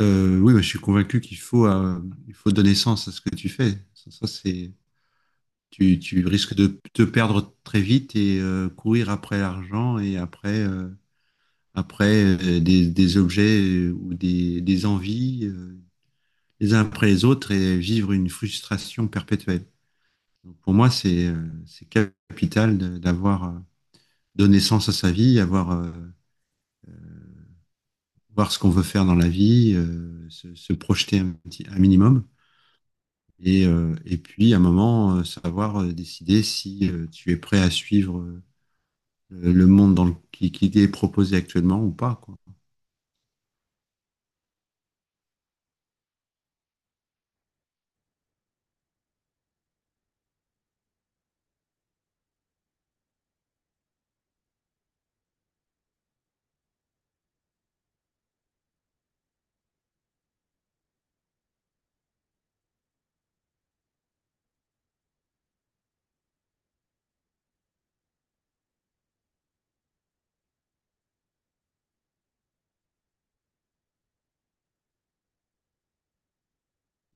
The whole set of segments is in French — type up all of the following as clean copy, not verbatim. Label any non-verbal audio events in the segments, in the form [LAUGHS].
Oui, bah, je suis convaincu qu'il faut, il faut donner sens à ce que tu fais. Ça, c'est, tu risques de te perdre très vite et courir après l'argent et après, après des objets ou des envies les uns après les autres et vivre une frustration perpétuelle. Donc, pour moi, c'est capital d'avoir donné sens à sa vie, avoir voir ce qu'on veut faire dans la vie, se projeter un petit, un minimum. Et puis, à un moment, savoir décider si tu es prêt à suivre le monde qui t'est proposé actuellement ou pas, quoi.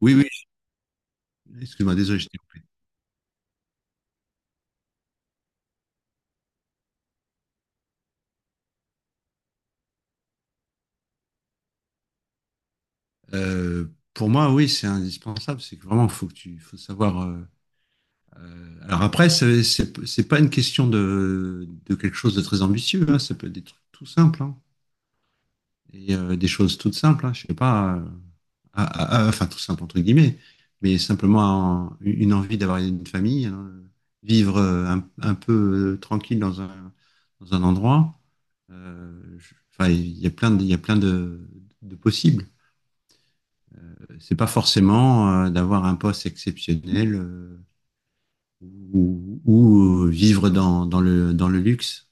Oui, oui, excuse-moi, désolé, je t'ai coupé. Euh, pour moi, oui, c'est indispensable. C'est que vraiment, faut que tu, faut savoir. Alors après, c'est pas une question de quelque chose de très ambitieux, hein, ça peut être des trucs tout simples, hein. Et des choses toutes simples, hein, je sais pas, enfin tout simple entre guillemets, mais simplement une envie d'avoir une famille, hein, vivre un peu tranquille dans un endroit. Enfin, il y a plein de, il y a plein de possibles. C'est pas forcément d'avoir un poste exceptionnel ou vivre dans, dans le luxe.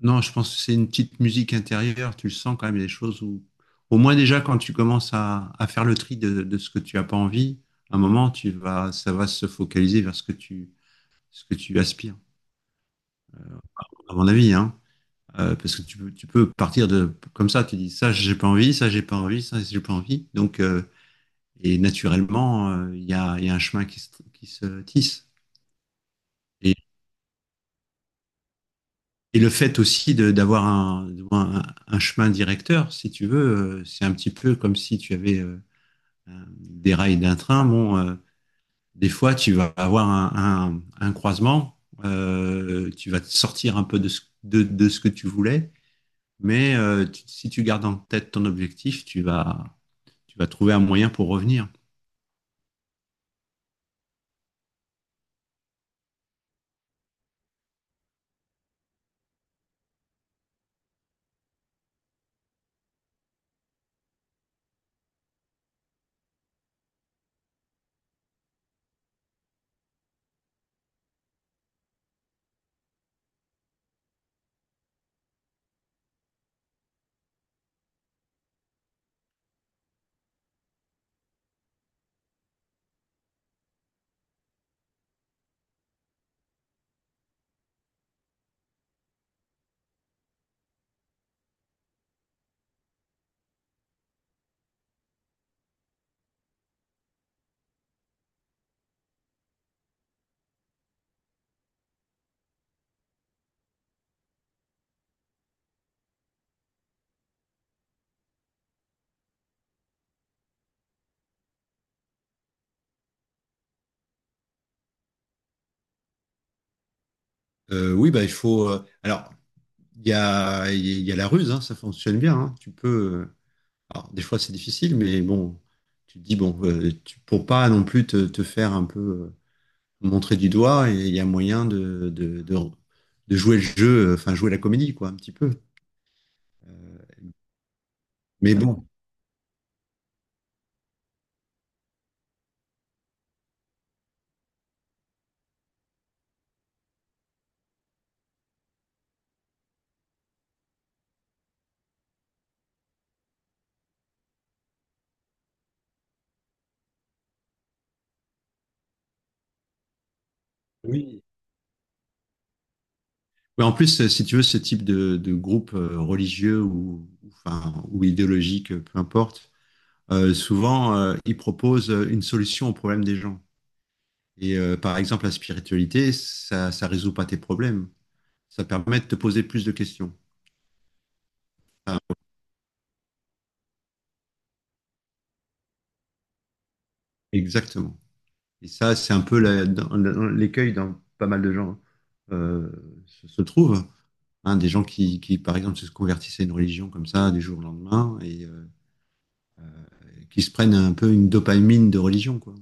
Non, je pense que c'est une petite musique intérieure. Tu le sens quand même, des choses où, au moins déjà, quand tu commences à faire le tri de ce que tu n'as pas envie, à un moment, tu vas, ça va se focaliser vers ce que tu aspires, à mon avis, hein. Parce que tu peux partir de comme ça, tu dis ça, j'ai pas envie, ça, j'ai pas envie, ça, j'ai pas envie. Donc, et naturellement, il y a un chemin qui se tisse. Et, et le fait aussi d'avoir un chemin directeur, si tu veux, c'est un petit peu comme si tu avais des rails d'un train, bon, des fois, tu vas avoir un croisement, tu vas sortir un peu de ce que tu voulais, mais tu, si tu gardes en tête ton objectif, tu vas trouver un moyen pour revenir. Oui, bah, il faut. Alors, il y a, la ruse, hein, ça fonctionne bien. Hein, tu peux. Alors, des fois, c'est difficile, mais bon, tu te dis, bon, tu, pour pas non plus te, te faire un peu montrer du doigt et il y a moyen de jouer le jeu, enfin jouer la comédie, quoi, un petit peu. Euh, Mais bon, oui, mais en plus, si tu veux, ce type de groupe religieux ou, enfin, ou idéologique, peu importe, souvent, ils proposent une solution au problème des gens. Et par exemple, la spiritualité, ça résout pas tes problèmes. Ça permet de te poser plus de questions. Exactement. Et ça, c'est un peu l'écueil dans pas mal de gens euh, se, se trouve. Hein, des gens qui, par exemple, se convertissent à une religion comme ça du jour au lendemain et qui se prennent un peu une dopamine de religion, quoi.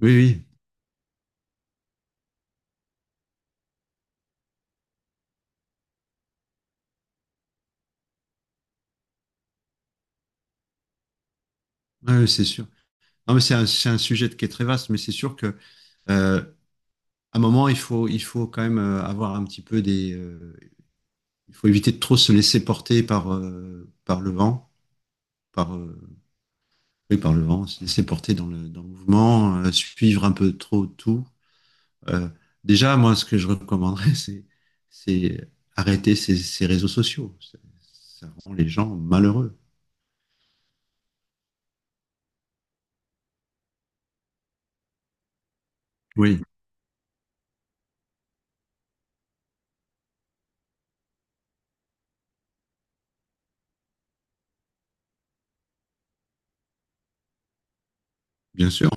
Oui, oui c'est sûr. Non, mais c'est un, sujet qui est très vaste, mais c'est sûr que euh, à un moment, il faut quand même avoir un petit peu des. Il faut éviter de trop se laisser porter par, par le vent, par, oui, par le vent, se laisser porter dans le mouvement, suivre un peu trop tout. Euh, Déjà, moi, ce que je recommanderais, [LAUGHS] c'est arrêter ces, ces réseaux sociaux. Ça rend les gens malheureux. Oui, bien sûr.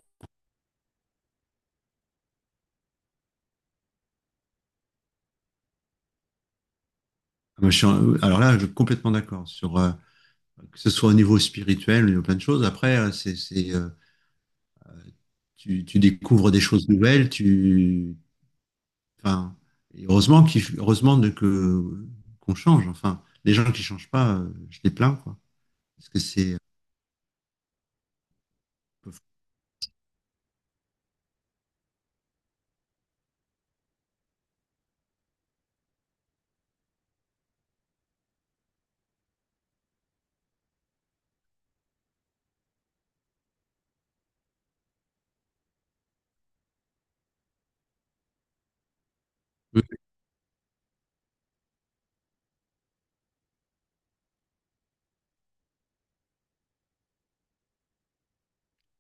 Moi, alors là, je suis complètement d'accord sur que ce soit au niveau spirituel, au niveau plein de choses. Après, c'est, tu, tu découvres des choses nouvelles. Tu, enfin, et heureusement de que qu'on change. Enfin, les gens qui changent pas, je les plains, quoi. Parce que c'est euh,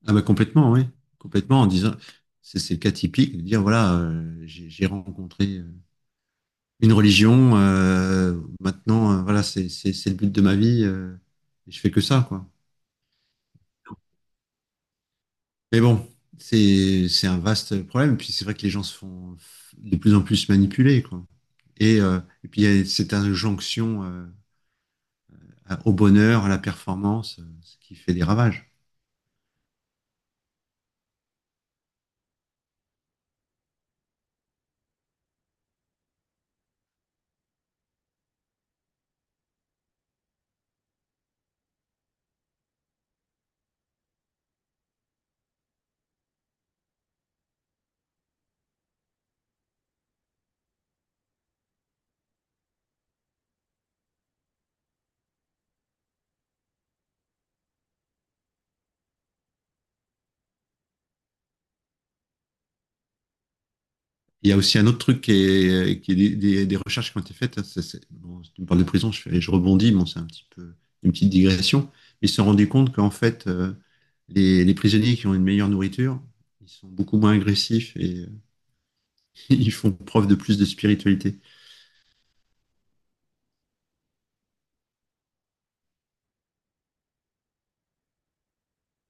Ah bah complètement, oui. Complètement en disant, c'est le cas typique de dire voilà, j'ai rencontré une religion, maintenant voilà, c'est le but de ma vie, et je fais que ça, quoi. Mais bon, c'est un vaste problème. Et puis c'est vrai que les gens se font de plus en plus manipuler, quoi. Et puis il y a cette injonction au bonheur, à la performance, ce qui fait des ravages. Il y a aussi un autre truc qui est des, des recherches qui ont été faites, hein. Ça, bon, si tu me parles de prison, je rebondis, bon, c'est un petit peu une petite digression. Ils se sont rendus compte qu'en fait, les prisonniers qui ont une meilleure nourriture, ils sont beaucoup moins agressifs et [LAUGHS] ils font preuve de plus de spiritualité.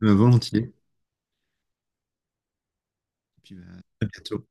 Volontiers. Et puis, bah, à bientôt.